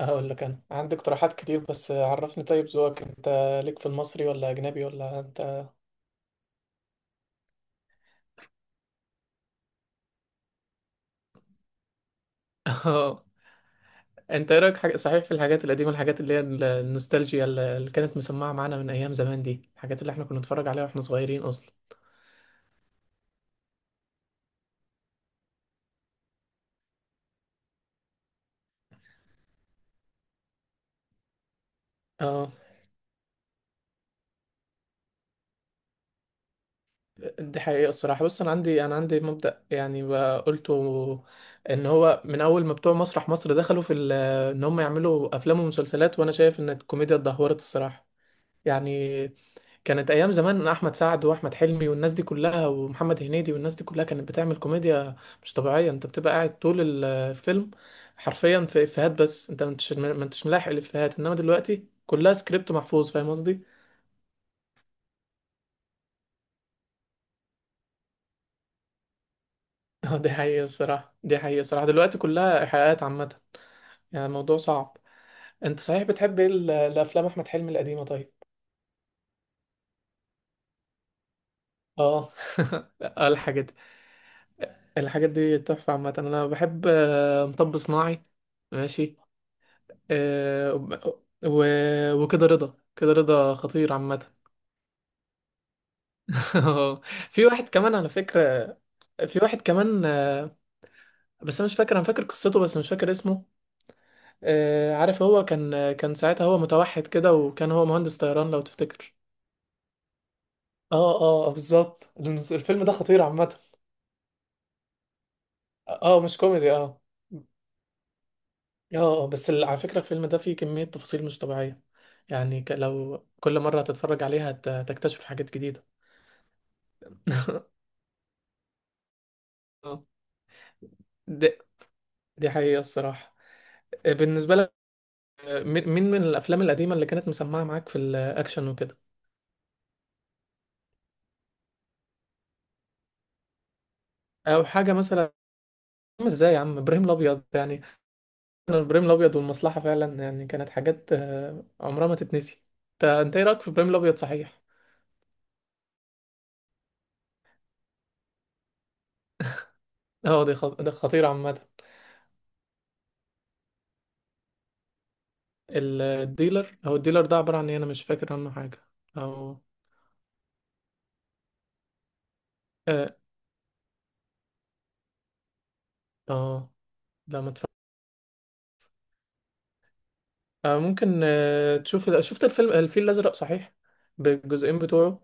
هقول لك انا عندي اقتراحات كتير، بس عرفني طيب ذوقك انت، ليك في المصري ولا اجنبي ولا انت؟ اه، انت ايه رايك حاجة صحيح في الحاجات القديمه، الحاجات اللي هي النوستالجيا اللي كانت مسمعه معانا من ايام زمان دي، الحاجات اللي احنا كنا نتفرج عليها واحنا صغيرين اصلا. اه، دي حقيقه الصراحه. بص انا عندي مبدا يعني بقى قلته، ان هو من اول ما بتوع مسرح مصر دخلوا في ان هم يعملوا افلام ومسلسلات، وانا شايف ان الكوميديا اتدهورت الصراحه. يعني كانت ايام زمان إن احمد سعد واحمد حلمي والناس دي كلها ومحمد هنيدي والناس دي كلها كانت بتعمل كوميديا مش طبيعيه، انت بتبقى قاعد طول الفيلم حرفيا في افيهات، بس انت ما انتش ملاحق الافيهات، انما دلوقتي كلها سكريبت محفوظ، فاهم قصدي؟ اه، دي حقيقه الصراحه. دلوقتي كلها ايحاءات عامه. يعني الموضوع صعب. انت صحيح بتحب ايه الافلام احمد حلمي القديمه طيب؟ اه. آه، الحاجات دي الحاجات دي تحفه عامه. انا بحب مطب صناعي. ماشي. آه، و... وكده رضا كده رضا خطير عامة. في واحد كمان على فكرة، في واحد كمان آه، بس أنا مش فاكر، أنا فاكر قصته بس مش فاكر اسمه. عارف، هو كان ساعتها هو متوحد كده، وكان هو مهندس طيران لو تفتكر. اه، اه، بالظبط، الفيلم ده خطير عامة. اه، مش كوميدي، اه. اه، بس على فكرة الفيلم ده فيه كمية تفاصيل مش طبيعية. يعني، لو كل مرة هتتفرج عليها هتكتشف حاجات جديدة. آه. دي حقيقة الصراحة. بالنسبة لك، مين من الأفلام القديمة اللي كانت مسمعة معاك في الأكشن وكده؟ أو حاجة مثلا. عم، إزاي يا عم! إبراهيم الأبيض يعني. إبراهيم الأبيض والمصلحة فعلا، يعني كانت حاجات عمرها ما تتنسي. أنت إيه رأيك في إبراهيم الأبيض، صحيح؟ أه، ده خطير عامة. الديلر، هو الديلر ده عبارة عن إيه؟ أنا مش فاكر عنه حاجة. أو. أه، أه. لا. ما تف... ممكن آه، تشوف شفت الفيلم الفيل الأزرق، صحيح؟ بالجزئين بتوعه.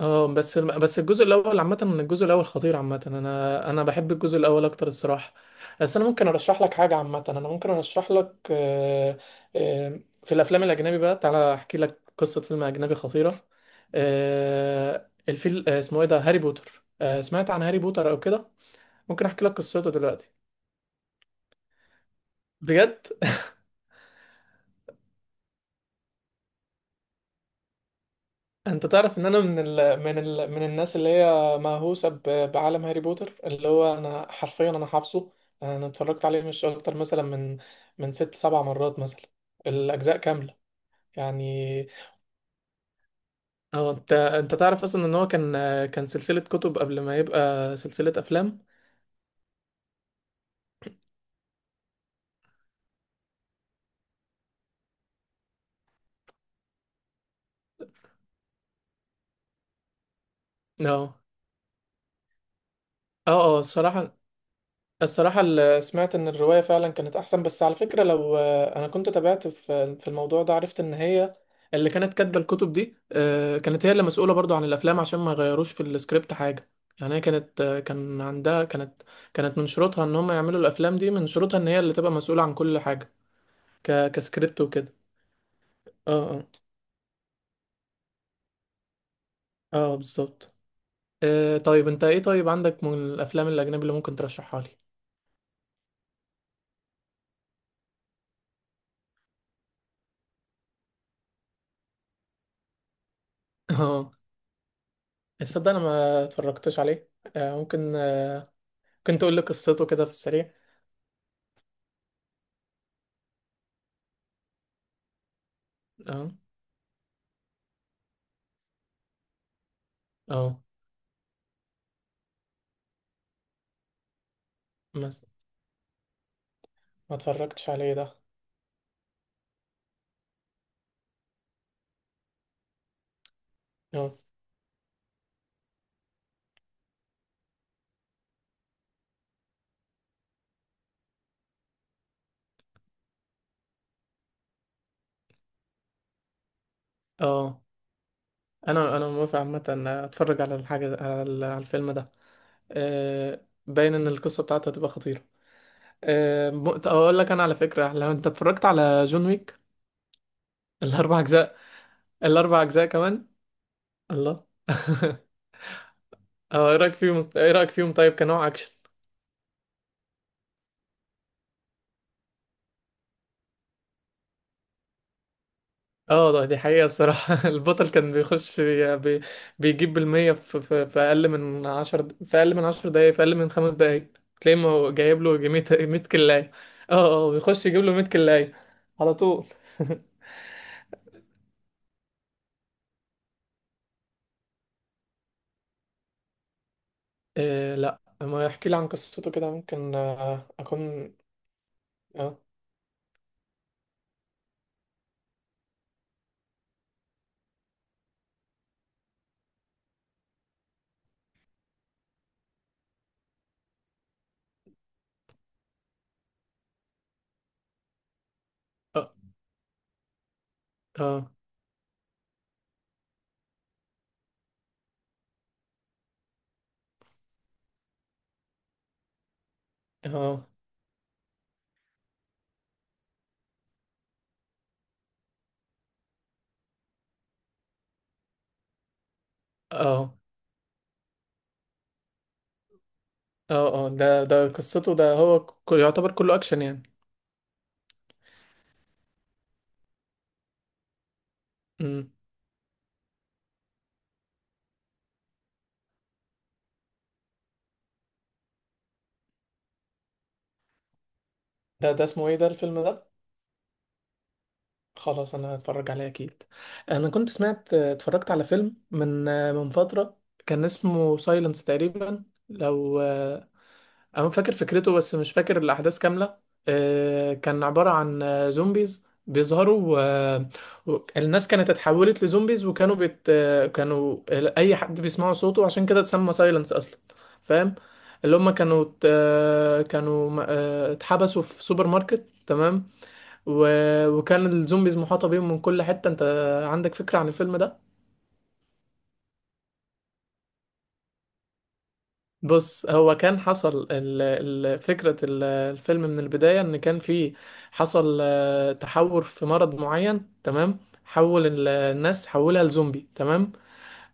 اه، بس الجزء الاول عامه، الجزء الاول خطير عامه، انا بحب الجزء الاول اكتر الصراحه. بس انا ممكن ارشح لك حاجه عامه. انا ممكن ارشح لك آه، آه، في الافلام الاجنبي بقى، تعالى احكي لك قصه فيلم اجنبي خطيره. آه، الفيل آه، اسمه ايه ده، هاري بوتر، سمعت عن هاري بوتر او كده؟ ممكن احكي لك قصته دلوقتي؟ بجد؟ انت تعرف ان انا من الناس اللي هي مهووسه بعالم هاري بوتر، اللي هو انا حرفيا، انا حافظه. انا اتفرجت عليه مش اكتر مثلا من ست سبع مرات مثلا، الاجزاء كامله. يعني. اه، انت تعرف اصلا ان هو كان سلسله كتب قبل ما يبقى سلسله افلام. اه، اه، اه، الصراحه. الصراحة سمعت إن الرواية فعلا كانت أحسن، بس على فكرة لو أنا كنت تابعت في الموضوع ده عرفت إن هي اللي كانت كاتبة الكتب دي، كانت هي اللي مسؤولة برضو عن الأفلام عشان ما يغيروش في السكريبت حاجة. يعني هي كانت آه، كان عندها. كانت كانت من شروطها إن هم يعملوا الأفلام دي، من شروطها إن هي اللي تبقى مسؤولة عن كل حاجة، كسكريبت وكده. اه، اه، اه، بالظبط. طيب أنت، إيه طيب عندك من الأفلام الأجنبي اللي ممكن ترشحها لي؟ اه، تصدق أنا ما اتفرجتش عليه. ممكن كنت اقول لك قصته كده في السريع. اه، اه، ما ما اتفرجتش عليه ده. اه، اه، انا موافق عامه. اتفرج على الحاجه، على الفيلم ده. آه، باين ان القصه بتاعته هتبقى خطيره. اقول لك انا على فكره، لو انت اتفرجت على جون ويك؟ الاربع اجزاء، الاربع اجزاء كمان. الله. اه، ايه رايك فيهم طيب، كنوع اكشن؟ اه، دي حقيقة الصراحة. البطل كان بيخش، بي بي بيجيب بالمية، في أقل من عشر في أقل من 10 دقايق، في أقل من 5 دقايق. تلاقيه، ما هو جايب له مية مية كلاية. اه، اه، بيخش يجيب له مية كلاية على طول. إيه؟ لا، ما يحكي لي عن قصته كده ممكن أكون. اه، اه، اه، اه، اه، اه، اه. آه. ده قصته، ده هو يعتبر كله أكشن يعني. مم. ده اسمه ايه ده، الفيلم ده؟ خلاص، انا هتفرج عليه اكيد. انا كنت اتفرجت على فيلم من فترة، كان اسمه سايلنس تقريبا، لو انا فاكر فكرته بس مش فاكر الاحداث كاملة. كان عبارة عن زومبيز بيظهروا، الناس كانت اتحولت لزومبيز، وكانوا بيت آه، كانوا اي حد بيسمعوا صوته عشان كده اتسمى سايلنس اصلا، فاهم؟ اللي هم كانوا كانوا اتحبسوا في سوبر ماركت، تمام. و... وكان الزومبيز محاطة بيهم من كل حتة. انت عندك فكرة عن الفيلم ده؟ بص، هو كان حصل فكرة الفيلم من البداية، ان كان في، حصل تحور في مرض معين، تمام، حول الناس حولها لزومبي، تمام.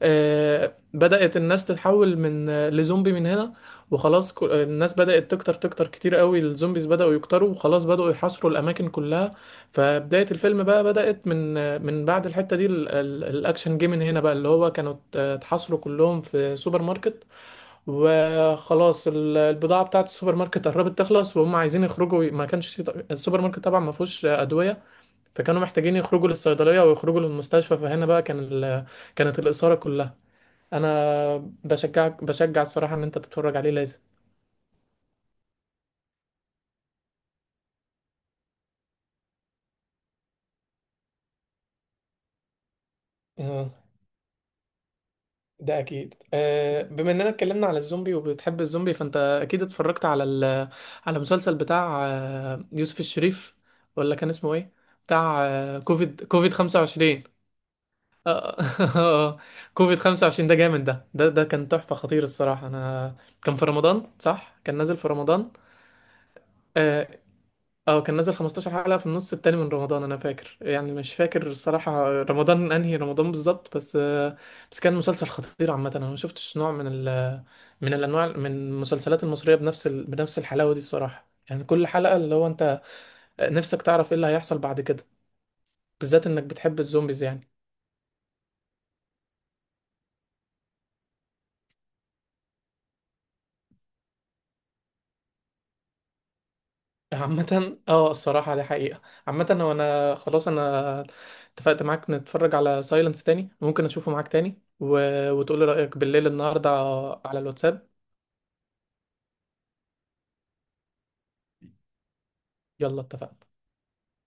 بدأت الناس تتحول من لزومبي من هنا، وخلاص، الناس بدأت تكتر تكتر كتير قوي، الزومبيز بدأوا يكتروا، وخلاص بدأوا يحاصروا الأماكن كلها. فبداية الفيلم بقى بدأت من بعد الحتة دي، الأكشن جه من هنا بقى، اللي هو كانوا اتحاصروا كلهم في سوبر ماركت، وخلاص، البضاعة بتاعة السوبر ماركت قربت تخلص، وهم عايزين يخرجوا. ما كانش السوبر ماركت طبعا ما فيهوش أدوية، فكانوا محتاجين يخرجوا للصيدلية ويخرجوا للمستشفى. فهنا بقى كان كانت الإثارة كلها. انا بشجع الصراحه ان انت تتفرج عليه لازم. اه ده اكيد. بما اننا اتكلمنا على الزومبي وبتحب الزومبي، فانت اكيد اتفرجت على على مسلسل بتاع يوسف الشريف، ولا كان اسمه ايه؟ بتاع كوفيد 25. آه، آه، كوفيد 25 ده جامد، ده كان تحفة خطير الصراحة. انا. كان في رمضان، صح؟ كان نازل في رمضان. آه، اه، كان نزل 15 حلقة في النص التاني من رمضان، انا فاكر يعني، مش فاكر الصراحة رمضان انهي رمضان بالظبط بس. بس كان مسلسل خطير عامة، انا ما شفتش نوع من الانواع من المسلسلات المصرية بنفس بنفس الحلاوة دي الصراحة، يعني كل حلقة اللي هو انت نفسك تعرف ايه اللي هيحصل بعد كده. بالذات انك بتحب الزومبيز يعني. عامة اه، الصراحة دي حقيقة. عامة وانا خلاص، انا اتفقت معاك، نتفرج على سايلنس تاني، ممكن اشوفه معاك تاني، وتقولي رأيك بالليل النهاردة على الواتساب. يلا، اتفقنا.